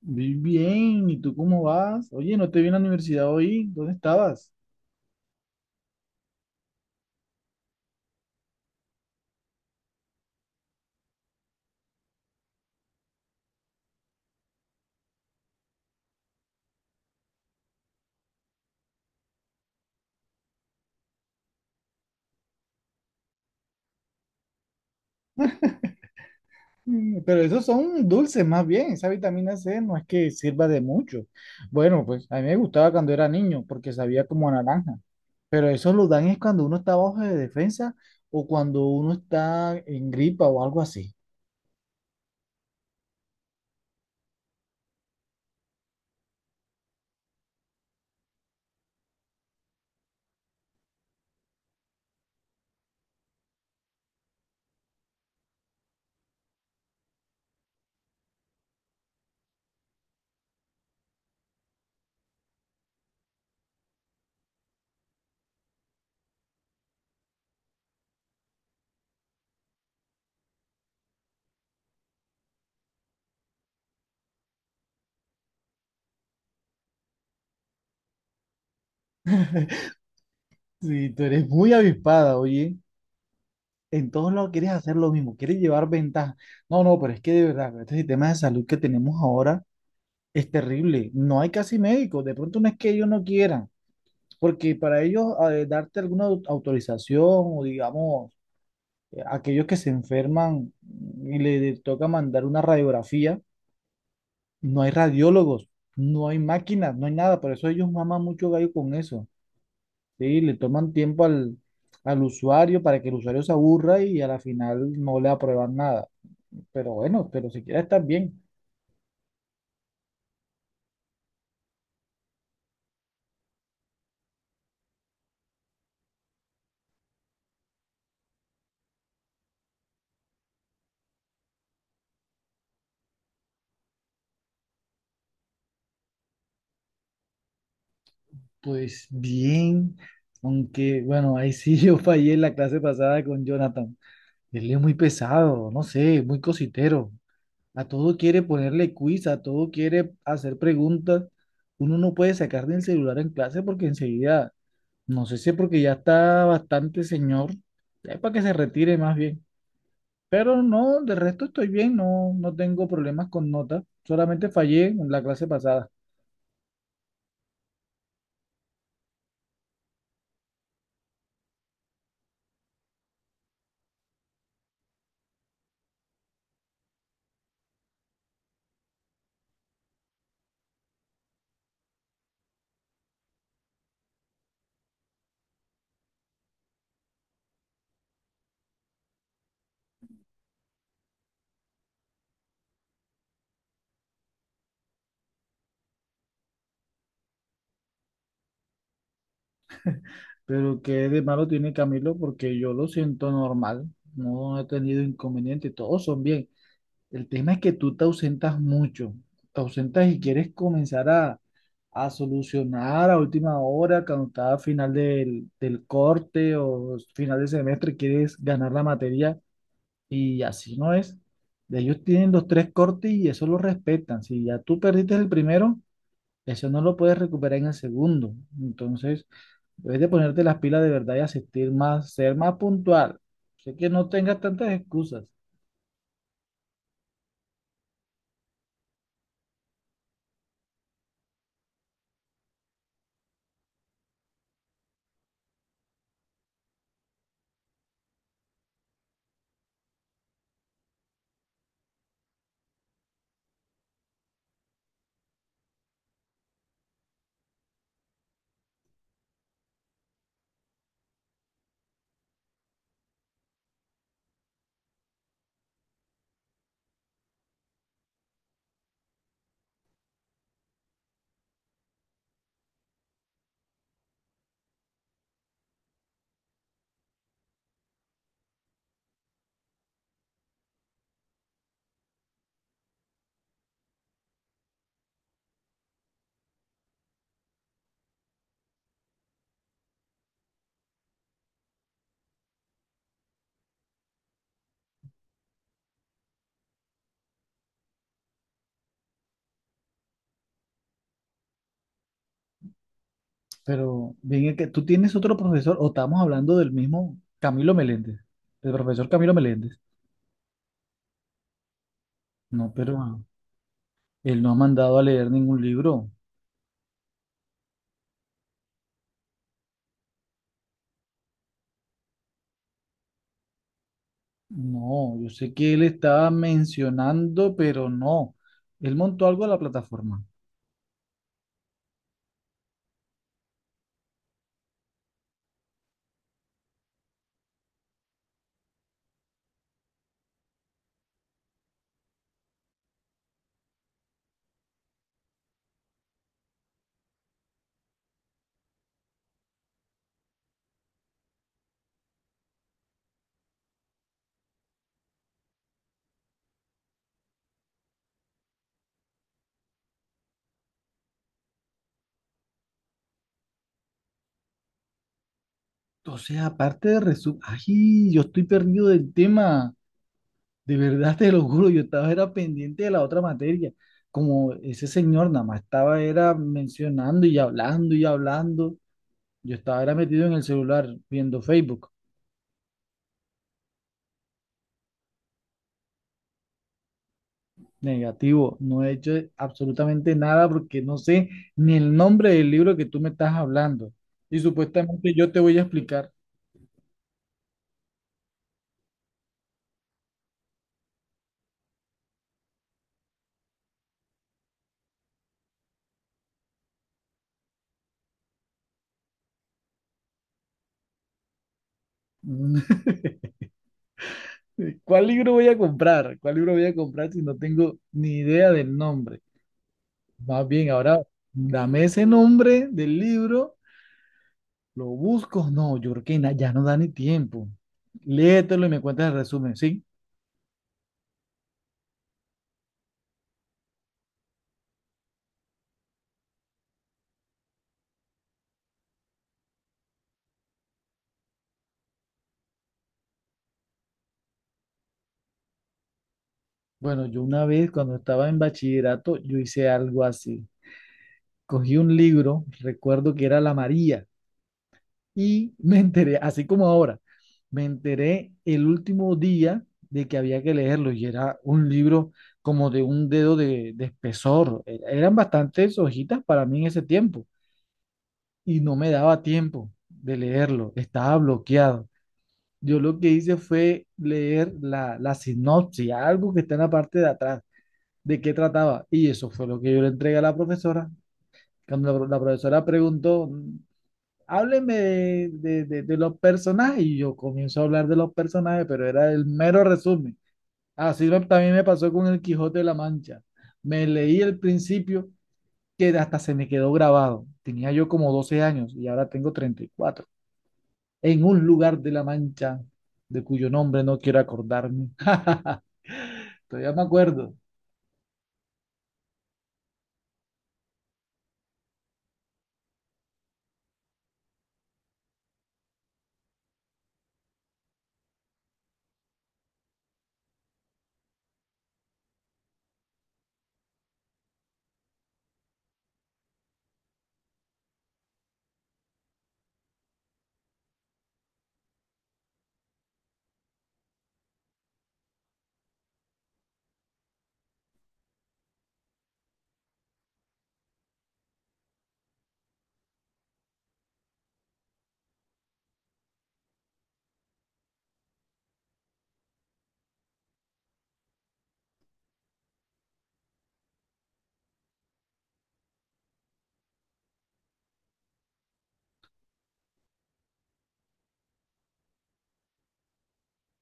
Muy bien, ¿y tú cómo vas? Oye, no te vi en la universidad hoy, ¿dónde estabas? Mm, pero esos son dulces más bien, esa vitamina C no es que sirva de mucho. Bueno, pues a mí me gustaba cuando era niño porque sabía como a naranja, pero eso lo dan es cuando uno está bajo de defensa o cuando uno está en gripa o algo así. Sí, tú eres muy avispada, oye. En todos lados quieres hacer lo mismo, quieres llevar ventaja. No, no, pero es que de verdad, este sistema de salud que tenemos ahora es terrible, no hay casi médicos, de pronto no es que ellos no quieran, porque para ellos darte alguna autorización o digamos, aquellos que se enferman y le toca mandar una radiografía, no hay radiólogos, no hay máquinas, no hay nada, por eso ellos maman mucho gallo con eso, ¿sí? Le toman tiempo al, al usuario para que el usuario se aburra y a la final no le aprueban nada, pero bueno, pero siquiera estás bien. Pues bien, aunque bueno, ahí sí yo fallé en la clase pasada con Jonathan. Él es muy pesado, no sé, muy cositero. A todo quiere ponerle quiz, a todo quiere hacer preguntas. Uno no puede sacar del celular en clase porque enseguida, no sé si es porque ya está bastante señor, es para que se retire más bien. Pero no, de resto estoy bien, no, no tengo problemas con notas. Solamente fallé en la clase pasada. Pero qué de malo tiene Camilo porque yo lo siento normal, no he tenido inconveniente, todos son bien. El tema es que tú te ausentas mucho, te ausentas y quieres comenzar a solucionar a última hora, cuando está a final del, del corte o final de semestre, quieres ganar la materia y así no es. Ellos tienen los tres cortes y eso lo respetan. Si ya tú perdiste el primero, eso no lo puedes recuperar en el segundo. Entonces... debes de ponerte las pilas de verdad y asistir más, ser más puntual. Sé que no tengas tantas excusas, pero bien es que tú tienes otro profesor o estamos hablando del mismo Camilo Meléndez, del profesor Camilo Meléndez. No, pero él no ha mandado a leer ningún libro. No, yo sé que él estaba mencionando, pero no. Él montó algo a la plataforma. Entonces, aparte de resumen, ay, yo estoy perdido del tema. De verdad te lo juro, yo estaba era pendiente de la otra materia. Como ese señor nada más estaba era mencionando y hablando, yo estaba era metido en el celular viendo Facebook. Negativo, no he hecho absolutamente nada porque no sé ni el nombre del libro que tú me estás hablando. Y supuestamente yo te voy a explicar. ¿Cuál libro voy a comprar, cuál libro voy a comprar si no tengo ni idea del nombre? Más bien, ahora dame ese nombre del libro. Lo busco, no, yo creo que ya no da ni tiempo. Léetelo y me cuentas el resumen, ¿sí? Bueno, yo una vez cuando estaba en bachillerato, yo hice algo así. Cogí un libro, recuerdo que era La María, y me enteré, así como ahora, me enteré el último día de que había que leerlo y era un libro como de un dedo de espesor. Eran bastantes hojitas para mí en ese tiempo y no me daba tiempo de leerlo, estaba bloqueado. Yo lo que hice fue leer la, la sinopsis, algo que está en la parte de atrás, de qué trataba. Y eso fue lo que yo le entregué a la profesora. Cuando la profesora preguntó, hábleme de los personajes, y yo comienzo a hablar de los personajes, pero era el mero resumen. También me pasó con el Quijote de la Mancha. Me leí el principio que hasta se me quedó grabado. Tenía yo como 12 años y ahora tengo 34. En un lugar de La Mancha de cuyo nombre no quiero acordarme. Todavía me acuerdo.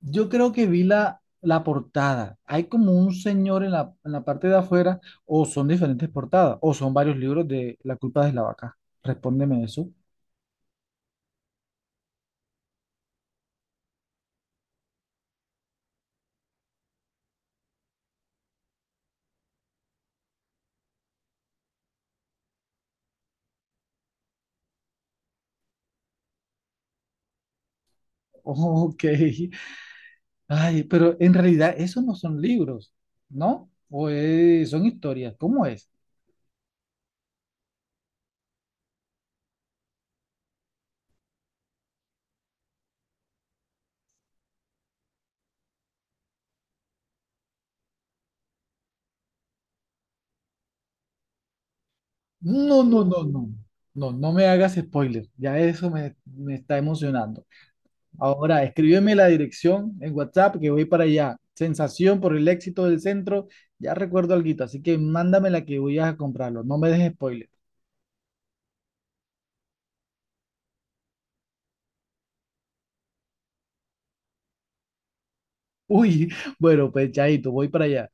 Yo creo que vi la, la portada. Hay como un señor en la parte de afuera, o son diferentes portadas, o son varios libros de La culpa de la vaca. Respóndeme eso. Ok. Ay, pero en realidad esos no son libros, ¿no? Son historias. ¿Cómo es? No, no, no, no. No, no me hagas spoiler. Ya eso me, me está emocionando. Ahora, escríbeme la dirección en WhatsApp que voy para allá. Sensación por el éxito del centro. Ya recuerdo alguito, así que mándame la que voy a comprarlo. No me dejes spoiler. Uy, bueno, pues chaito, voy para allá.